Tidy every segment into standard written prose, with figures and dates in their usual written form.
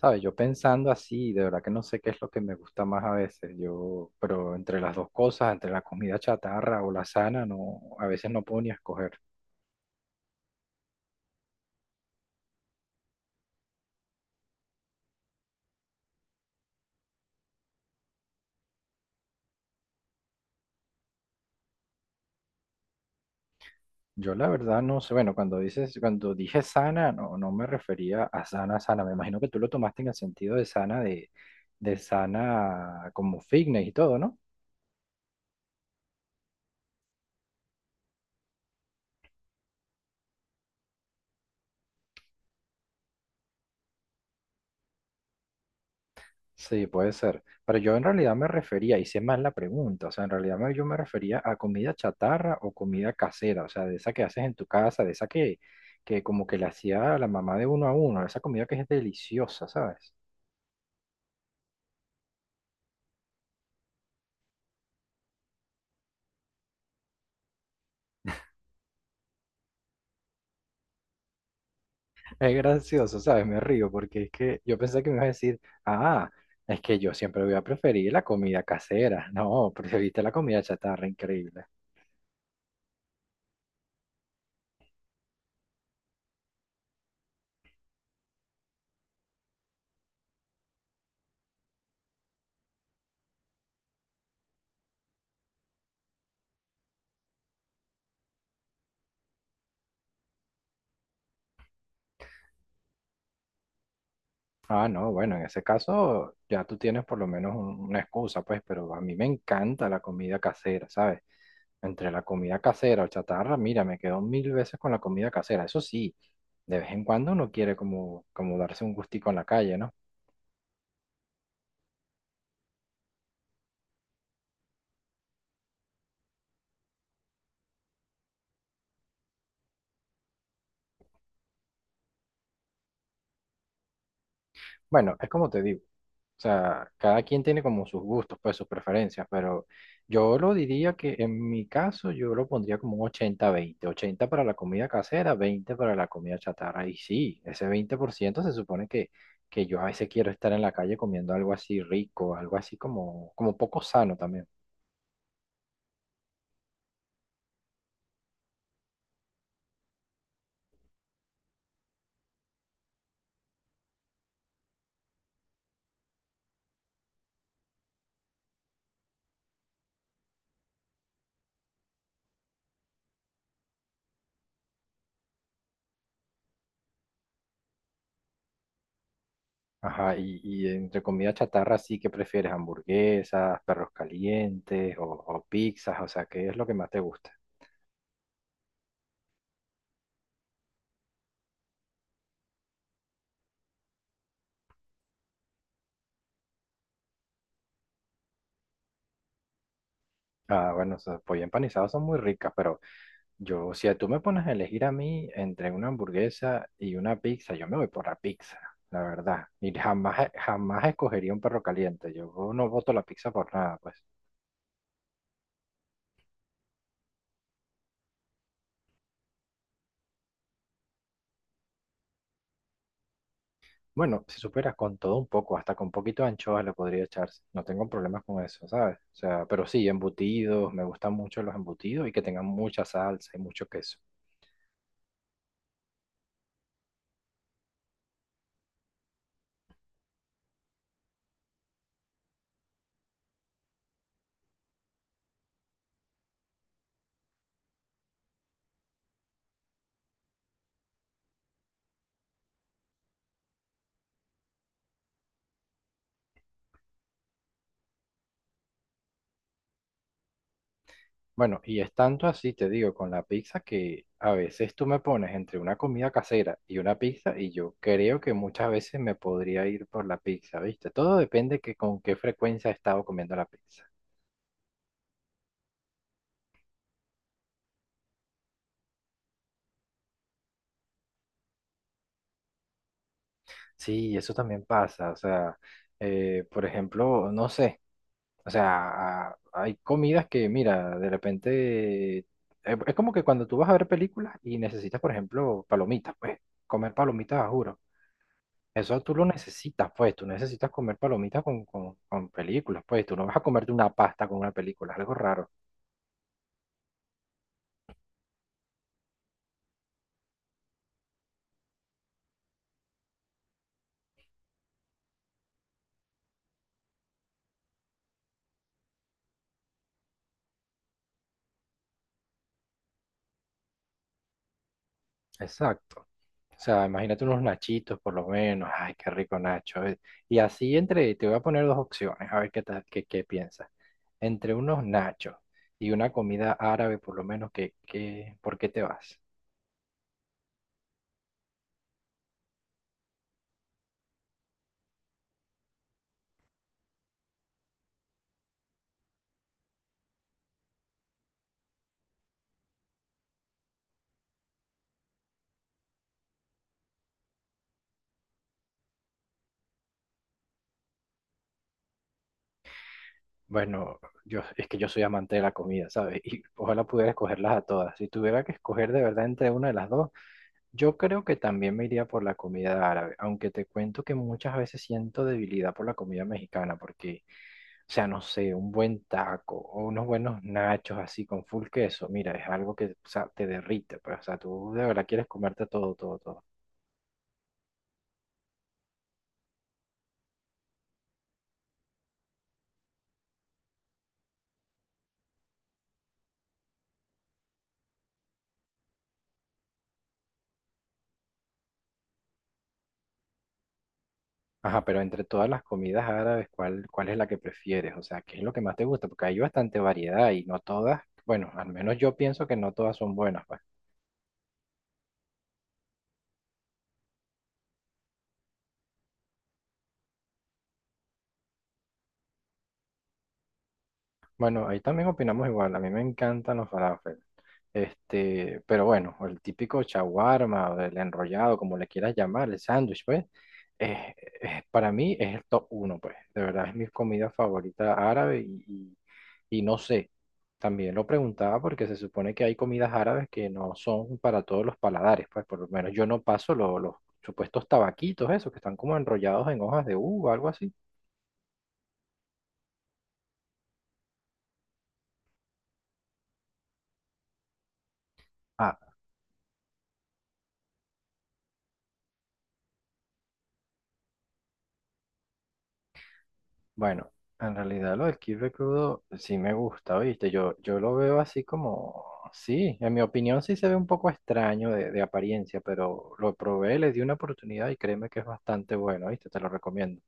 ¿Sabes? Yo pensando así, de verdad que no sé qué es lo que me gusta más a veces. Yo, pero entre las dos cosas, entre la comida chatarra o la sana, no, a veces no puedo ni escoger. Yo la verdad no sé, bueno, cuando dije sana, no, no me refería a sana, sana. Me imagino que tú lo tomaste en el sentido de sana de sana como fitness y todo, ¿no? Sí, puede ser. Pero yo en realidad me refería, hice mal la pregunta, o sea, en realidad yo me refería a comida chatarra o comida casera, o sea, de esa que haces en tu casa, de esa que como que la hacía la mamá de uno a uno, esa comida que es deliciosa, ¿sabes? Es gracioso, ¿sabes? Me río porque es que yo pensé que me ibas a decir, ah, es que yo siempre voy a preferir la comida casera. No, preferiste la comida chatarra, increíble. Ah, no, bueno, en ese caso ya tú tienes por lo menos una excusa, pues, pero a mí me encanta la comida casera, ¿sabes? Entre la comida casera o chatarra, mira, me quedo mil veces con la comida casera. Eso sí, de vez en cuando uno quiere como darse un gustico en la calle, ¿no? Bueno, es como te digo. O sea, cada quien tiene como sus gustos, pues sus preferencias, pero yo lo diría que en mi caso yo lo pondría como un 80/20, 80 para la comida casera, 20 para la comida chatarra. Y sí, ese 20% se supone que yo a veces quiero estar en la calle comiendo algo así rico, algo así como, como poco sano también. Ajá, y entre comida chatarra, sí que prefieres hamburguesas, perros calientes o pizzas, o sea, ¿qué es lo que más te gusta? Ah, bueno, o sea, pollo empanizado son muy ricas, pero yo, si tú me pones a elegir a mí entre una hamburguesa y una pizza, yo me voy por la pizza, la verdad. Y jamás, jamás escogería un perro caliente. Yo no voto la pizza por nada, pues. Bueno, si superas con todo un poco, hasta con poquito de anchoas le podría echarse. No tengo problemas con eso, ¿sabes? O sea, pero sí, embutidos, me gustan mucho los embutidos y que tengan mucha salsa y mucho queso. Bueno, y es tanto así, te digo, con la pizza que a veces tú me pones entre una comida casera y una pizza y yo creo que muchas veces me podría ir por la pizza, ¿viste? Todo depende que con qué frecuencia he estado comiendo la pizza. Sí, eso también pasa, o sea, por ejemplo, no sé, o sea, hay comidas que, mira, de repente, es como que cuando tú vas a ver películas y necesitas, por ejemplo, palomitas, pues comer palomitas, a juro. Eso tú lo necesitas, pues, tú necesitas comer palomitas con películas, pues, tú no vas a comerte una pasta con una película, es algo raro. Exacto. O sea, imagínate unos nachitos por lo menos, ay, qué rico Nacho. Y así entre, te voy a poner dos opciones, a ver qué piensas. Entre unos nachos y una comida árabe, por lo menos, ¿ por qué te vas? Bueno, yo, es que yo soy amante de la comida, ¿sabes? Y ojalá pudiera escogerlas a todas. Si tuviera que escoger de verdad entre una de las dos, yo creo que también me iría por la comida árabe, aunque te cuento que muchas veces siento debilidad por la comida mexicana, porque, o sea, no sé, un buen taco o unos buenos nachos así con full queso, mira, es algo que, o sea, te derrite, pues, o sea, tú de verdad quieres comerte todo, todo, todo. Ajá, pero entre todas las comidas árabes, ¿ cuál es la que prefieres? O sea, ¿qué es lo que más te gusta? Porque hay bastante variedad y no todas, bueno, al menos yo pienso que no todas son buenas. Pues. Bueno, ahí también opinamos igual. A mí me encantan los falafel. Este, pero bueno, el típico shawarma, o el enrollado, como le quieras llamar, el sándwich, pues, es- para mí es el top uno, pues. De verdad es mi comida favorita árabe y no sé. También lo preguntaba porque se supone que hay comidas árabes que no son para todos los paladares, pues por lo menos yo no paso los supuestos tabaquitos, esos que están como enrollados en hojas de uva, algo así. Bueno, en realidad lo del kibe crudo sí me gusta, ¿viste? Yo lo veo así como, sí, en mi opinión sí se ve un poco extraño de apariencia, pero lo probé, le di una oportunidad y créeme que es bastante bueno, ¿viste? Te lo recomiendo.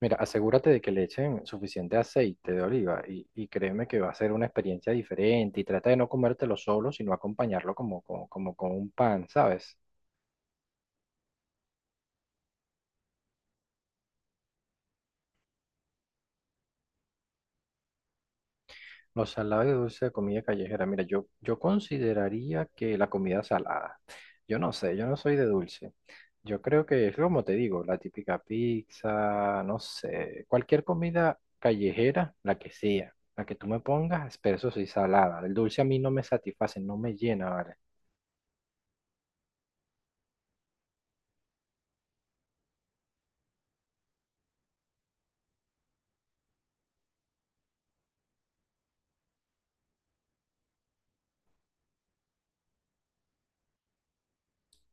Mira, asegúrate de que le echen suficiente aceite de oliva y créeme que va a ser una experiencia diferente y trata de no comértelo solo, sino acompañarlo como con un pan, ¿sabes? Lo salado y dulce de comida callejera. Mira, yo consideraría que la comida salada. Yo no sé, yo no soy de dulce. Yo creo que es como te digo, la típica pizza, no sé, cualquier comida callejera, la que sea, la que tú me pongas, pero eso sí, salada. El dulce a mí no me satisface, no me llena, ¿vale?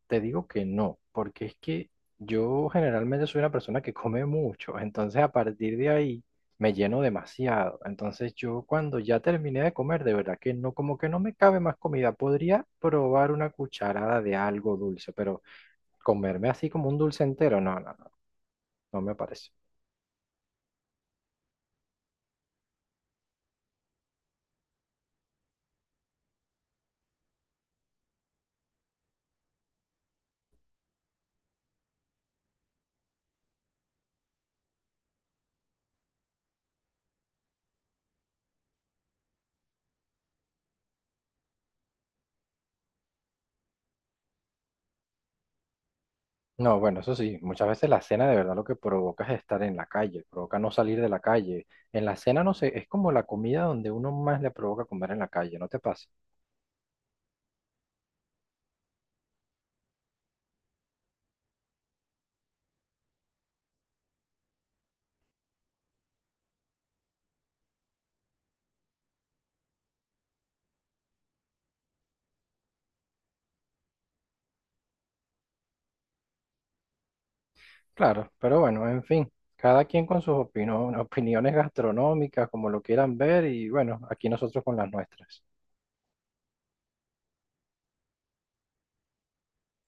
Te digo que no, porque es que yo generalmente soy una persona que come mucho, entonces a partir de ahí me lleno demasiado. Entonces yo cuando ya terminé de comer, de verdad que no, como que no me cabe más comida. Podría probar una cucharada de algo dulce, pero comerme así como un dulce entero, no, no, no, no me parece. No, bueno, eso sí, muchas veces la cena de verdad lo que provoca es estar en la calle, provoca no salir de la calle. En la cena, no sé, es como la comida donde uno más le provoca comer en la calle, ¿no te pasa? Claro, pero bueno, en fin, cada quien con sus opiniones gastronómicas, como lo quieran ver, y bueno, aquí nosotros con las nuestras.